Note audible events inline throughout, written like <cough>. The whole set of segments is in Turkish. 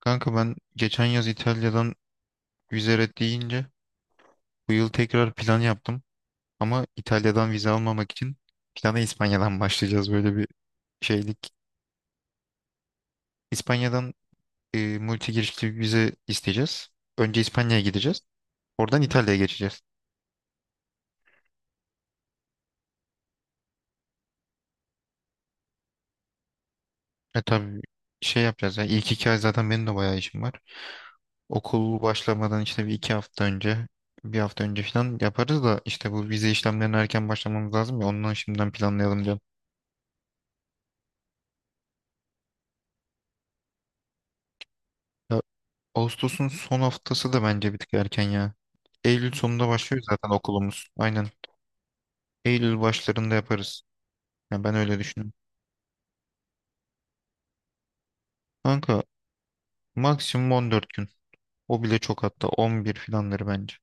Kanka ben geçen yaz İtalya'dan vize red deyince bu yıl tekrar plan yaptım. Ama İtalya'dan vize almamak için plana İspanya'dan <laughs> başlayacağız, böyle bir şeylik. İspanya'dan multi girişli bir vize isteyeceğiz. Önce İspanya'ya gideceğiz. Oradan İtalya'ya geçeceğiz. E tabii şey yapacağız ya, ilk iki ay zaten benim de bayağı işim var. Okul başlamadan işte bir iki hafta önce bir hafta önce falan yaparız, da işte bu vize işlemlerine erken başlamamız lazım ya, ondan şimdiden planlayalım diyorum. Ya Ağustos'un son haftası da bence bir tık erken ya. Eylül sonunda başlıyor zaten okulumuz. Aynen. Eylül başlarında yaparız. Yani ben öyle düşünüyorum. Kanka maksimum 14 gün. O bile çok, hatta 11 filanları bence.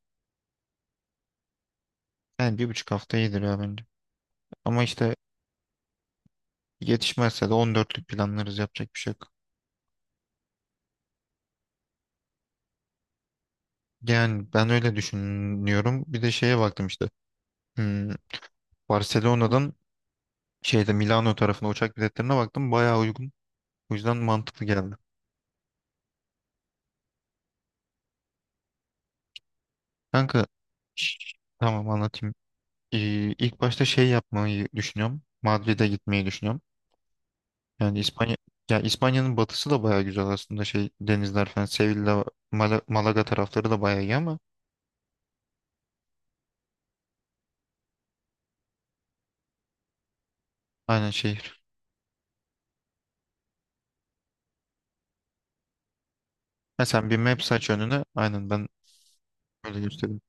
Yani bir buçuk hafta iyidir ya bence. Ama işte yetişmezse de 14'lük planlarız, yapacak bir şey yok. Yani ben öyle düşünüyorum. Bir de şeye baktım işte. Hmm, Barcelona'dan şeyde Milano tarafına uçak biletlerine baktım. Bayağı uygun. O yüzden mantıklı geldi. Kanka tamam anlatayım. Ee, ilk başta şey yapmayı düşünüyorum. Madrid'e gitmeyi düşünüyorum. Yani İspanya ya İspanya'nın batısı da bayağı güzel aslında, şey denizler falan, Sevilla, Malaga tarafları da bayağı iyi ama aynen şehir. Ha, sen bir map aç önüne, aynen ben öyle göstereyim.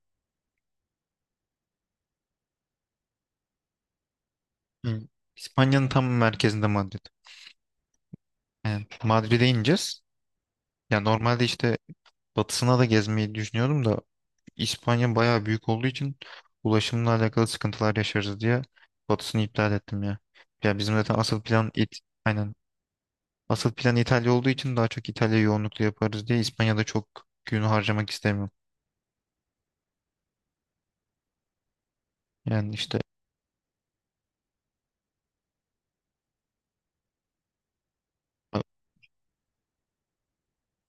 Hı. İspanya'nın tam merkezinde Madrid. Yani Madrid'e ineceğiz. Ya normalde işte batısına da gezmeyi düşünüyordum da İspanya bayağı büyük olduğu için ulaşımla alakalı sıkıntılar yaşarız diye batısını iptal ettim ya. Ya bizim zaten asıl plan it. Aynen. Asıl plan İtalya olduğu için daha çok İtalya yoğunluklu yaparız diye İspanya'da çok gün harcamak istemiyorum. Yani işte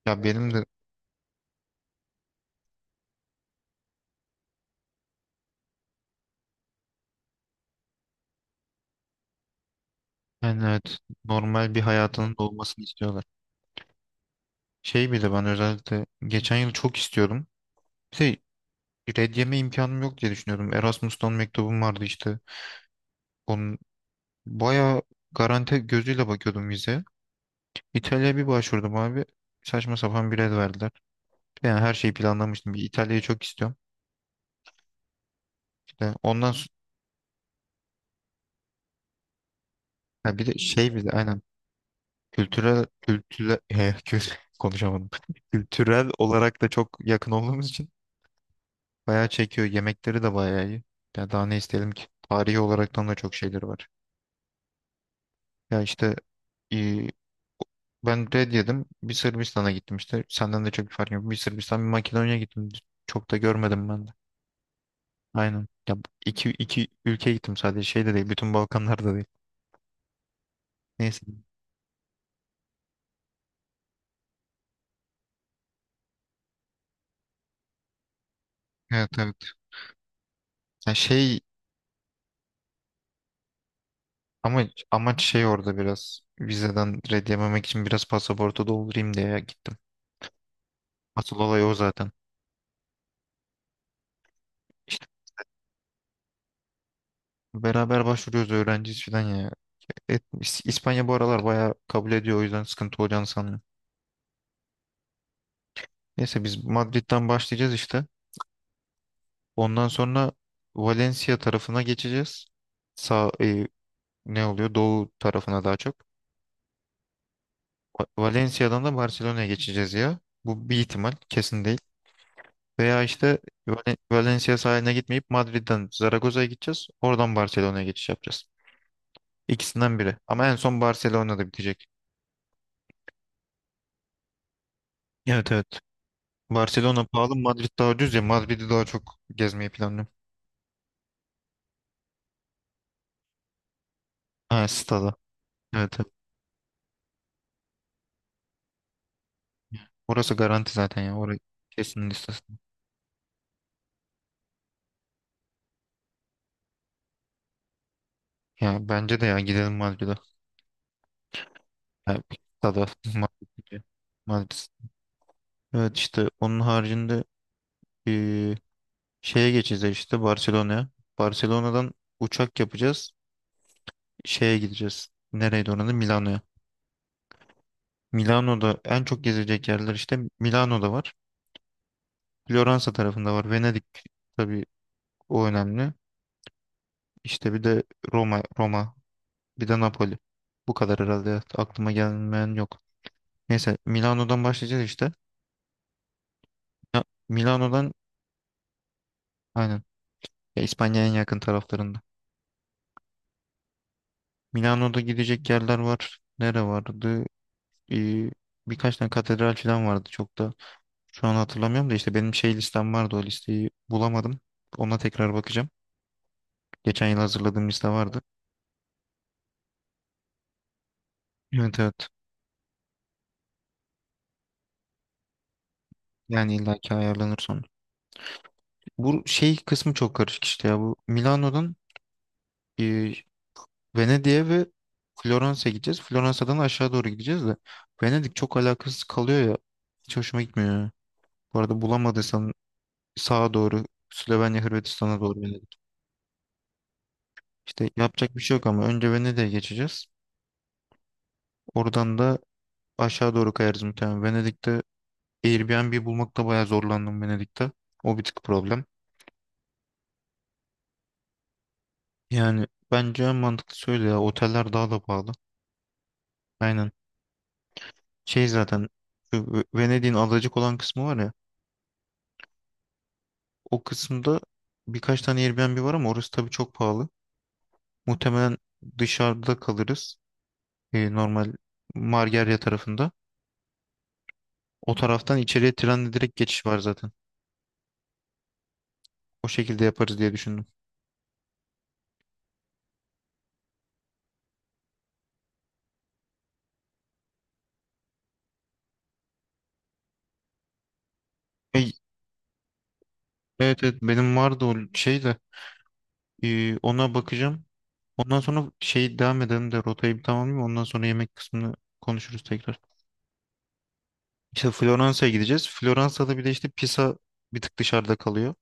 ya benim de yani evet, normal bir hayatının da olmasını istiyorlar. Şey bir de ben özellikle geçen yıl çok istiyordum. Bir de red yeme imkanım yok diye düşünüyordum. Erasmus'tan mektubum vardı işte. Onun bayağı garanti gözüyle bakıyordum vizeye. İtalya'ya bir başvurdum abi. Saçma sapan bir red verdiler. Yani her şeyi planlamıştım. Bir İtalya'yı çok istiyorum. İşte ondan sonra bir de şey bir de aynen. Kültürel kültüre <laughs> he, konuşamadım. <laughs> Kültürel olarak da çok yakın olduğumuz için bayağı çekiyor. Yemekleri de bayağı iyi. Ya daha ne isteyelim ki? Tarihi olaraktan da çok şeyleri var. Ya işte e, ben red yedim. Bir Sırbistan'a gittim işte. Senden de çok bir fark yok. Bir Sırbistan, bir Makedonya gittim. Çok da görmedim ben de. Aynen. Ya bu iki ülkeye gittim sadece. Şey de değil. Bütün Balkanlar da değil. Neyse. Evet, evet. Ya şey, ama amaç şey, orada biraz vizeden red yememek için biraz pasaportu doldurayım diye gittim. Asıl olay o zaten. İşte beraber başvuruyoruz, öğrenciyiz falan ya. İspanya bu aralar bayağı kabul ediyor, o yüzden sıkıntı olacağını sanmıyorum. Neyse biz Madrid'den başlayacağız işte. Ondan sonra Valencia tarafına geçeceğiz. Sağ ne oluyor? Doğu tarafına daha çok. Valencia'dan da Barcelona'ya geçeceğiz ya. Bu bir ihtimal, kesin değil. Veya işte Valencia sahiline gitmeyip Madrid'den Zaragoza'ya gideceğiz. Oradan Barcelona'ya geçiş yapacağız. İkisinden biri. Ama en son Barcelona'da bitecek. Evet, evet. Barcelona pahalı, Madrid daha ucuz ya. Madrid'i daha çok gezmeyi planlıyorum. Ha, stada. Evet, evet. Orası garanti zaten ya. Orası kesin listesi. Ya bence de ya gidelim Madrid'e. Ya, stada. <laughs> Madrid. Madrid. Evet işte onun haricinde eee, şeye geçeceğiz işte Barcelona'ya. Barcelona'dan uçak yapacağız. Şeye gideceğiz. Nereydi oranın? Milano'ya. Milano'da en çok gezilecek yerler işte Milano'da var. Floransa tarafında var. Venedik tabii o önemli. İşte bir de Roma, Roma, bir de Napoli. Bu kadar herhalde, ya. Aklıma gelmeyen yok. Neyse Milano'dan başlayacağız işte. Ya, Milano'dan aynen. Ya, İspanya'ya en yakın taraflarında. Milano'da gidecek yerler var. Nere vardı? Ee, Birkaç tane katedral falan vardı çok da. Şu an hatırlamıyorum da işte benim şey listem vardı, o listeyi bulamadım. Ona tekrar bakacağım. Geçen yıl hazırladığım liste vardı. Evet, evet. Yani illaki ayarlanır sonra. Bu şey kısmı çok karışık işte ya. Bu Milano'dan e, Venedik'e ve Floransa'ya gideceğiz. Floransa'dan aşağı doğru gideceğiz de. Venedik çok alakasız kalıyor ya. Hiç hoşuma gitmiyor ya. Bu arada bulamadıysan sağa doğru Slovenya Hırvatistan'a doğru Venedik. İşte yapacak bir şey yok ama önce Venedik'e geçeceğiz. Oradan da aşağı doğru kayarız muhtemelen. Venedik'te Airbnb bulmakta bayağı zorlandım Venedik'te. O bir tık problem. Yani bence en mantıklı söyle ya. Oteller daha da pahalı. Aynen. Şey zaten şu Venedik'in adacık olan kısmı var ya. O kısımda birkaç tane Airbnb var ama orası tabii çok pahalı. Muhtemelen dışarıda kalırız. Normal Margarya tarafında. O taraftan içeriye trenle direkt geçiş var zaten. O şekilde yaparız diye düşündüm. E, evet, evet, benim vardı o şey de. Ona bakacağım. Ondan sonra şey devam edelim de rotayı bir tamamlayayım. Ondan sonra yemek kısmını konuşuruz tekrar. İşte Floransa'ya gideceğiz. Floransa'da bir de işte Pisa bir tık dışarıda kalıyor.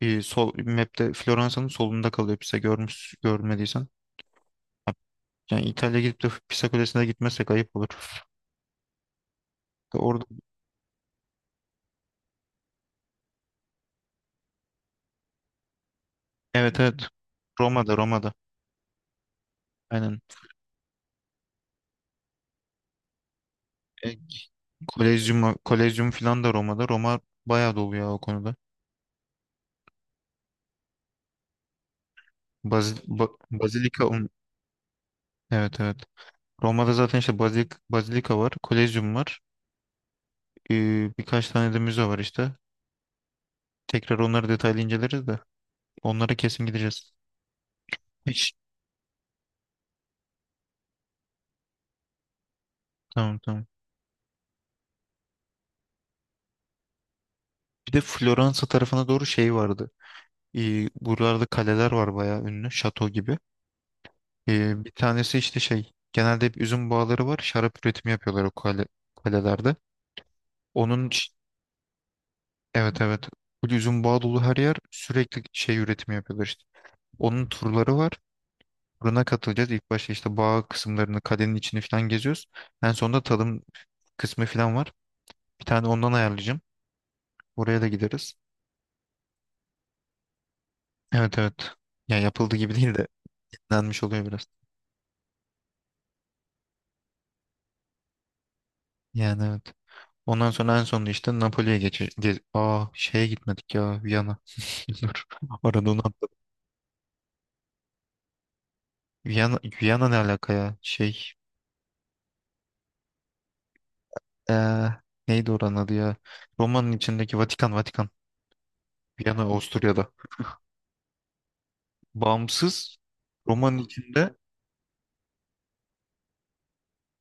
Bir sol map'te Floransa'nın solunda kalıyor Pisa, görmüş görmediysen. Yani İtalya gidip de Pisa Kulesi'ne gitmezsek ayıp olur. İşte orada evet, evet. Roma'da, Roma'da. Aynen. E, Kolezyum, Kolezyum falan da Roma'da. Roma bayağı dolu ya o konuda. Bazil, Bazilika evet, evet. Roma'da zaten işte bazilik, bazilika var, kolezyum var. Birkaç tane de müze var işte. Tekrar onları detaylı inceleriz de. Onlara kesin gideceğiz. Hiç. Tamam, tamam. Bir de Floransa tarafına doğru şey vardı. Buralarda kaleler var, bayağı ünlü. Şato gibi. Bir tanesi işte şey. Genelde hep üzüm bağları var. Şarap üretimi yapıyorlar o kale, kalelerde. Onun ş- evet, evet. Bu üzüm bağı dolu, her yer sürekli şey üretimi yapıyorlar işte. Onun turları var. Turuna katılacağız. İlk başta işte bağ kısımlarını, kalenin içini falan geziyoruz. En sonunda tadım kısmı falan var. Bir tane ondan ayarlayacağım. Oraya da gideriz. Evet, evet. Ya yapıldı gibi değil de yenilenmiş oluyor biraz. Yani evet. Ondan sonra en sonunda işte Napoli'ye aa şeye gitmedik ya, Viyana. <laughs> Dur. Arada onu atladım. Viyana, Viyana ne alaka ya? Şey ee, neydi oranın adı ya? Roma'nın içindeki Vatikan. Viyana Avusturya'da. Bağımsız Roma'nın içinde,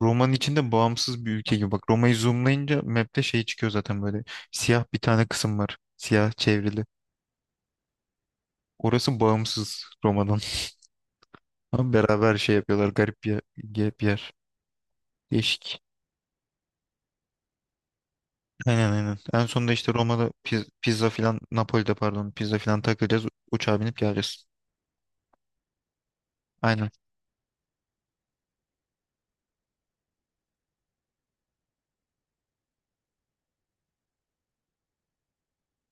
Roma'nın içinde bağımsız bir ülke gibi. Bak Roma'yı zoomlayınca map'te şey çıkıyor zaten böyle. Siyah bir tane kısım var. Siyah çevrili. Orası bağımsız Roma'dan. <laughs> Ama beraber şey yapıyorlar. Garip bir yer. Bir yer. Değişik. Aynen, aynen. En sonunda işte Roma'da pizza filan, Napoli'de pardon, pizza filan takılacağız. Uçağa binip geleceğiz. Aynen.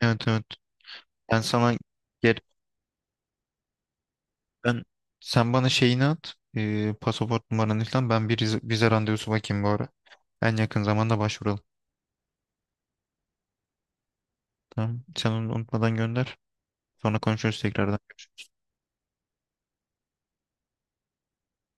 Evet, evet. Ben sana gel ben sen bana şeyini at. Pasaport numaranı falan. Ben bir vize randevusu bakayım bu ara. En yakın zamanda başvuralım. Tamam. Sen onu unutmadan gönder. Sonra konuşuruz tekrardan.